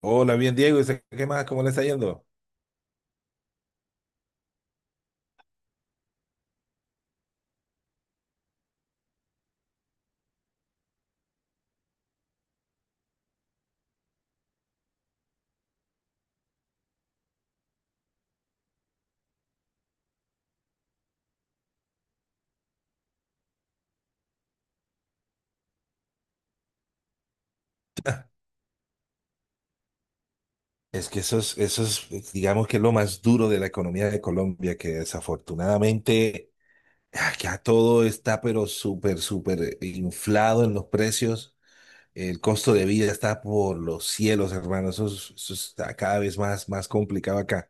Hola, bien Diego, ¿y usted qué más? ¿Cómo le está yendo? Es que eso es, digamos que es lo más duro de la economía de Colombia, que desafortunadamente acá todo está pero súper, súper inflado en los precios. El costo de vida está por los cielos, hermano. Eso, eso está cada vez más complicado acá.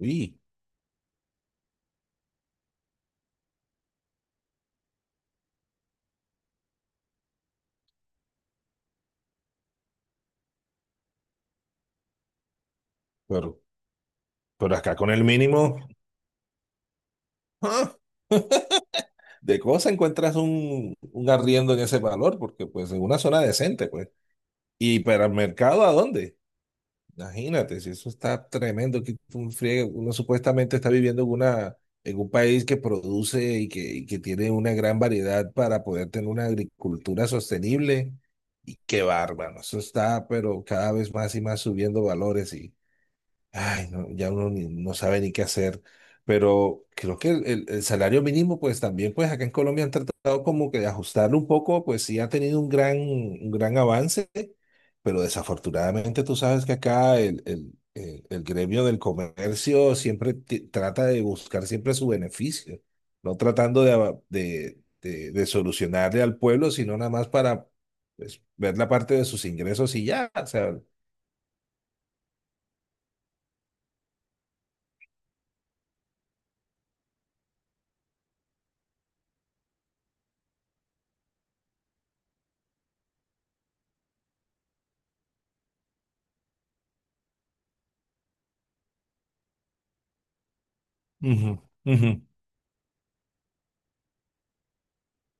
Uy, pero, pero acá con el mínimo, ¡ah! De cosa encuentras un arriendo en ese valor, porque pues en una zona decente, pues. ¿Y para el mercado a dónde? Imagínate, si eso está tremendo, que tú friegue, uno supuestamente está viviendo en un país que produce y que tiene una gran variedad para poder tener una agricultura sostenible. Y qué bárbaro, eso está, pero cada vez más y más subiendo valores. Y, ay, no, ya uno no sabe ni qué hacer, pero creo que el salario mínimo, pues también, pues acá en Colombia han tratado como que de ajustarlo un poco, pues sí ha tenido un gran avance, pero desafortunadamente tú sabes que acá el gremio del comercio siempre trata de buscar siempre su beneficio, no tratando de, ava- de solucionarle al pueblo, sino nada más para pues, ver la parte de sus ingresos y ya, o sea, ujú, ujú.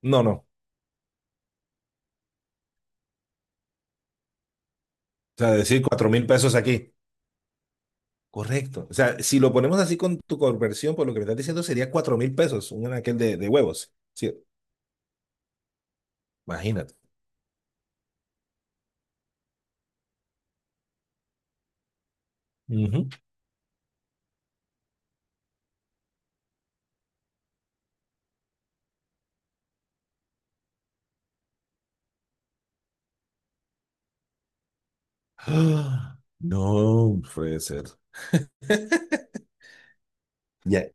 No, no. O sea, decir 4.000 pesos aquí. Correcto. O sea, si lo ponemos así con tu conversión, por lo que me estás diciendo, sería 4.000 pesos, un aquel de huevos. Sí, imagínate. Ujú. Ah, no puede ser. Ya.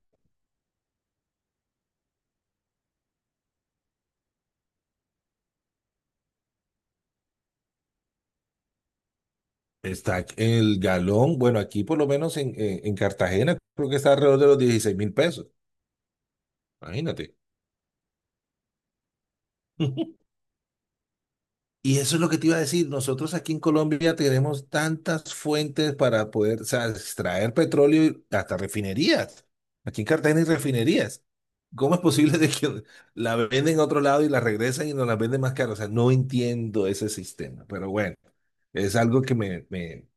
Está el galón. Bueno, aquí por lo menos en Cartagena creo que está alrededor de los 16.000 pesos. Imagínate. Y eso es lo que te iba a decir. Nosotros aquí en Colombia tenemos tantas fuentes para poder, o sea, extraer petróleo y hasta refinerías. Aquí en Cartagena hay refinerías. ¿Cómo es posible de que la venden a otro lado y la regresan y nos la venden más cara? O sea, no entiendo ese sistema. Pero bueno, es algo que me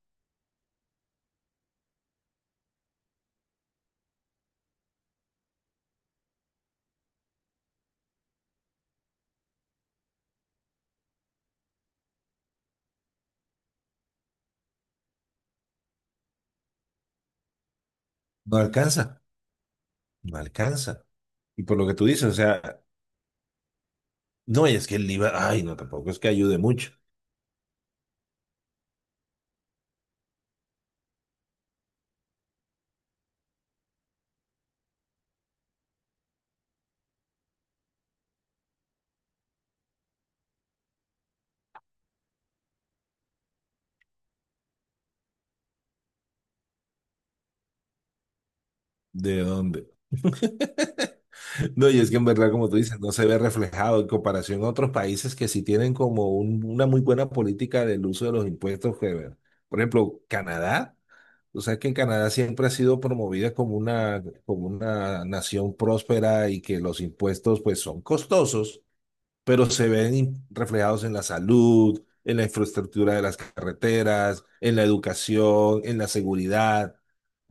no alcanza, no alcanza. Y por lo que tú dices, o sea, no, y es que el IVA, ay, no, tampoco es que ayude mucho. ¿De dónde? No, y es que en verdad, como tú dices, no se ve reflejado en comparación a otros países que sí tienen como una muy buena política del uso de los impuestos. Que, bueno, por ejemplo, Canadá. Tú sabes que en Canadá siempre ha sido promovida como una nación próspera y que los impuestos pues son costosos, pero se ven reflejados en la salud, en la infraestructura de las carreteras, en la educación, en la seguridad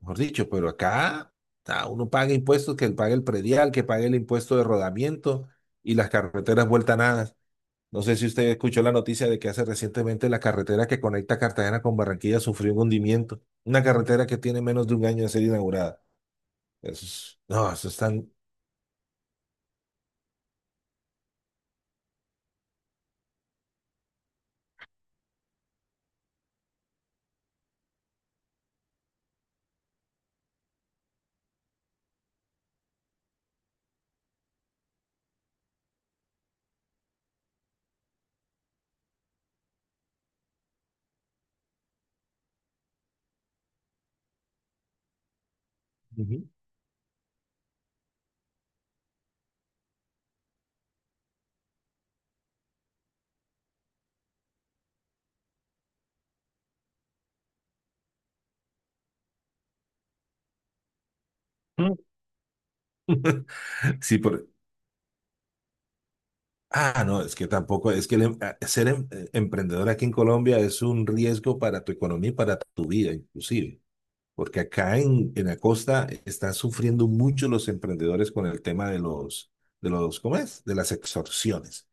mejor dicho, pero acá uno paga impuestos, que pague el predial, que pague el impuesto de rodamiento y las carreteras vuelta a nada. No sé si usted escuchó la noticia de que hace recientemente la carretera que conecta Cartagena con Barranquilla sufrió un hundimiento. Una carretera que tiene menos de un año de ser inaugurada. Eso, no, eso es tan. Ujú. Mm. Sí, por. Ah, no, es que tampoco, es que ser emprendedor aquí en Colombia es un riesgo para tu economía y para tu vida, inclusive. Porque acá en la costa están sufriendo mucho los emprendedores con el tema de los, ¿cómo es? De las extorsiones.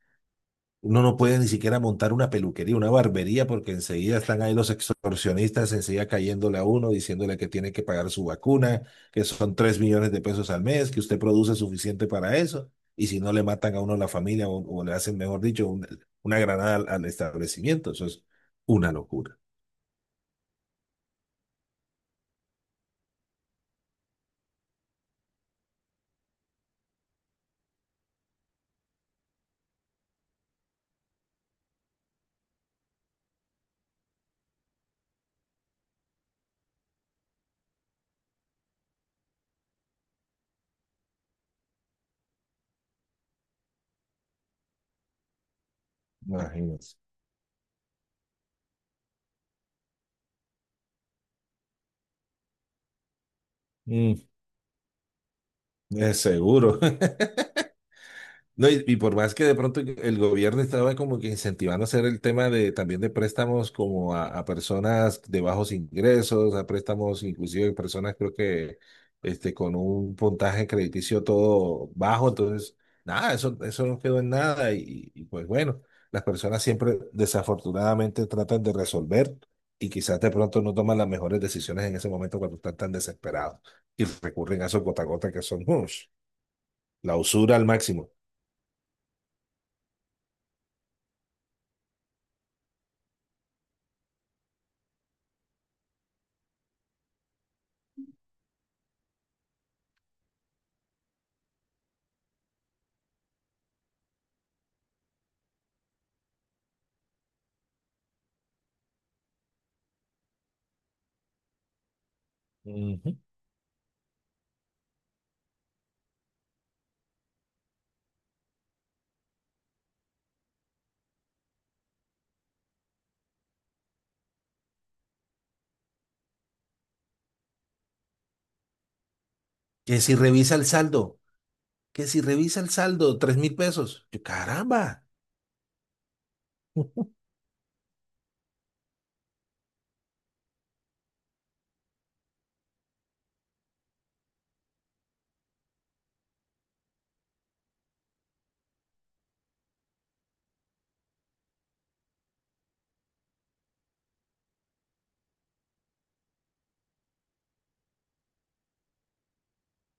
Uno no puede ni siquiera montar una peluquería, una barbería, porque enseguida están ahí los extorsionistas, enseguida cayéndole a uno, diciéndole que tiene que pagar su vacuna, que son 3 millones de pesos al mes, que usted produce suficiente para eso, y si no le matan a uno la familia o le hacen, mejor dicho, una granada al establecimiento. Eso es una locura. Imagínense. Mm, es seguro. No, y por más que de pronto el gobierno estaba como que incentivando hacer el tema de también de préstamos como a personas de bajos ingresos, a préstamos inclusive de personas creo que con un puntaje crediticio todo bajo, entonces nada, eso no quedó en nada y pues bueno, las personas siempre desafortunadamente tratan de resolver y quizás de pronto no toman las mejores decisiones en ese momento cuando están tan desesperados y recurren a esos gota a gota que son ush, la usura al máximo. Ujú. Que si revisa el saldo, que si revisa el saldo, 3.000 pesos. Yo, caramba.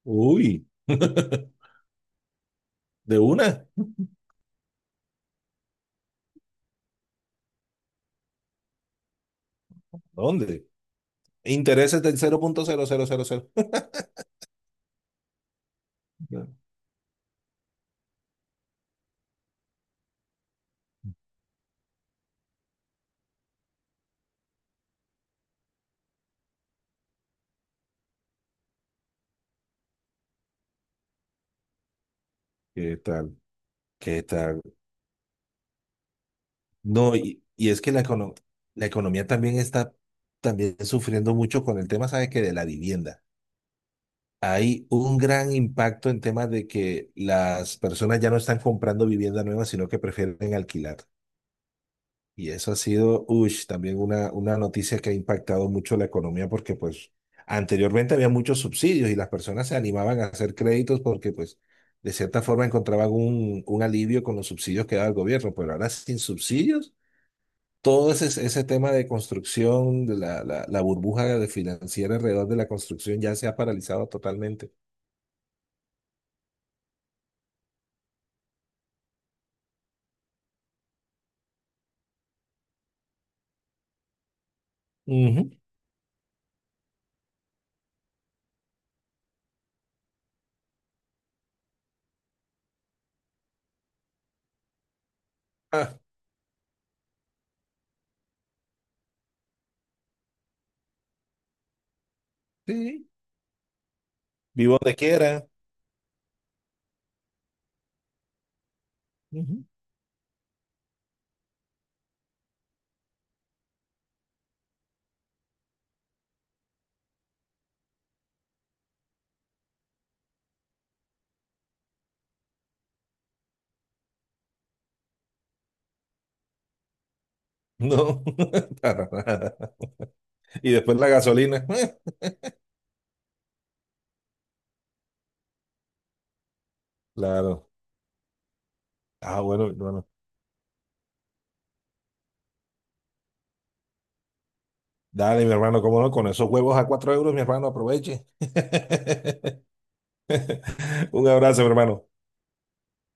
Uy, de una. ¿Dónde? Intereses del 0.0000. ¿Qué tal? ¿Qué tal? No, y es que la economía también está también sufriendo mucho con el tema, ¿sabes qué? De la vivienda. Hay un gran impacto en temas de que las personas ya no están comprando vivienda nueva, sino que prefieren alquilar. Y eso ha sido, ush, también una noticia que ha impactado mucho la economía porque pues anteriormente había muchos subsidios y las personas se animaban a hacer créditos porque pues de cierta forma encontraban un alivio con los subsidios que daba el gobierno, pero ahora sin subsidios, todo ese tema de construcción, de la burbuja de financiera alrededor de la construcción ya se ha paralizado totalmente. Ujú. Ah, sí, vivo donde quiera. Ujú. No, para nada. Y después la gasolina. Claro. Ah, bueno, mi hermano. Dale, mi hermano, cómo no, con esos huevos a 4 euros, mi hermano, aproveche. Un abrazo, mi hermano.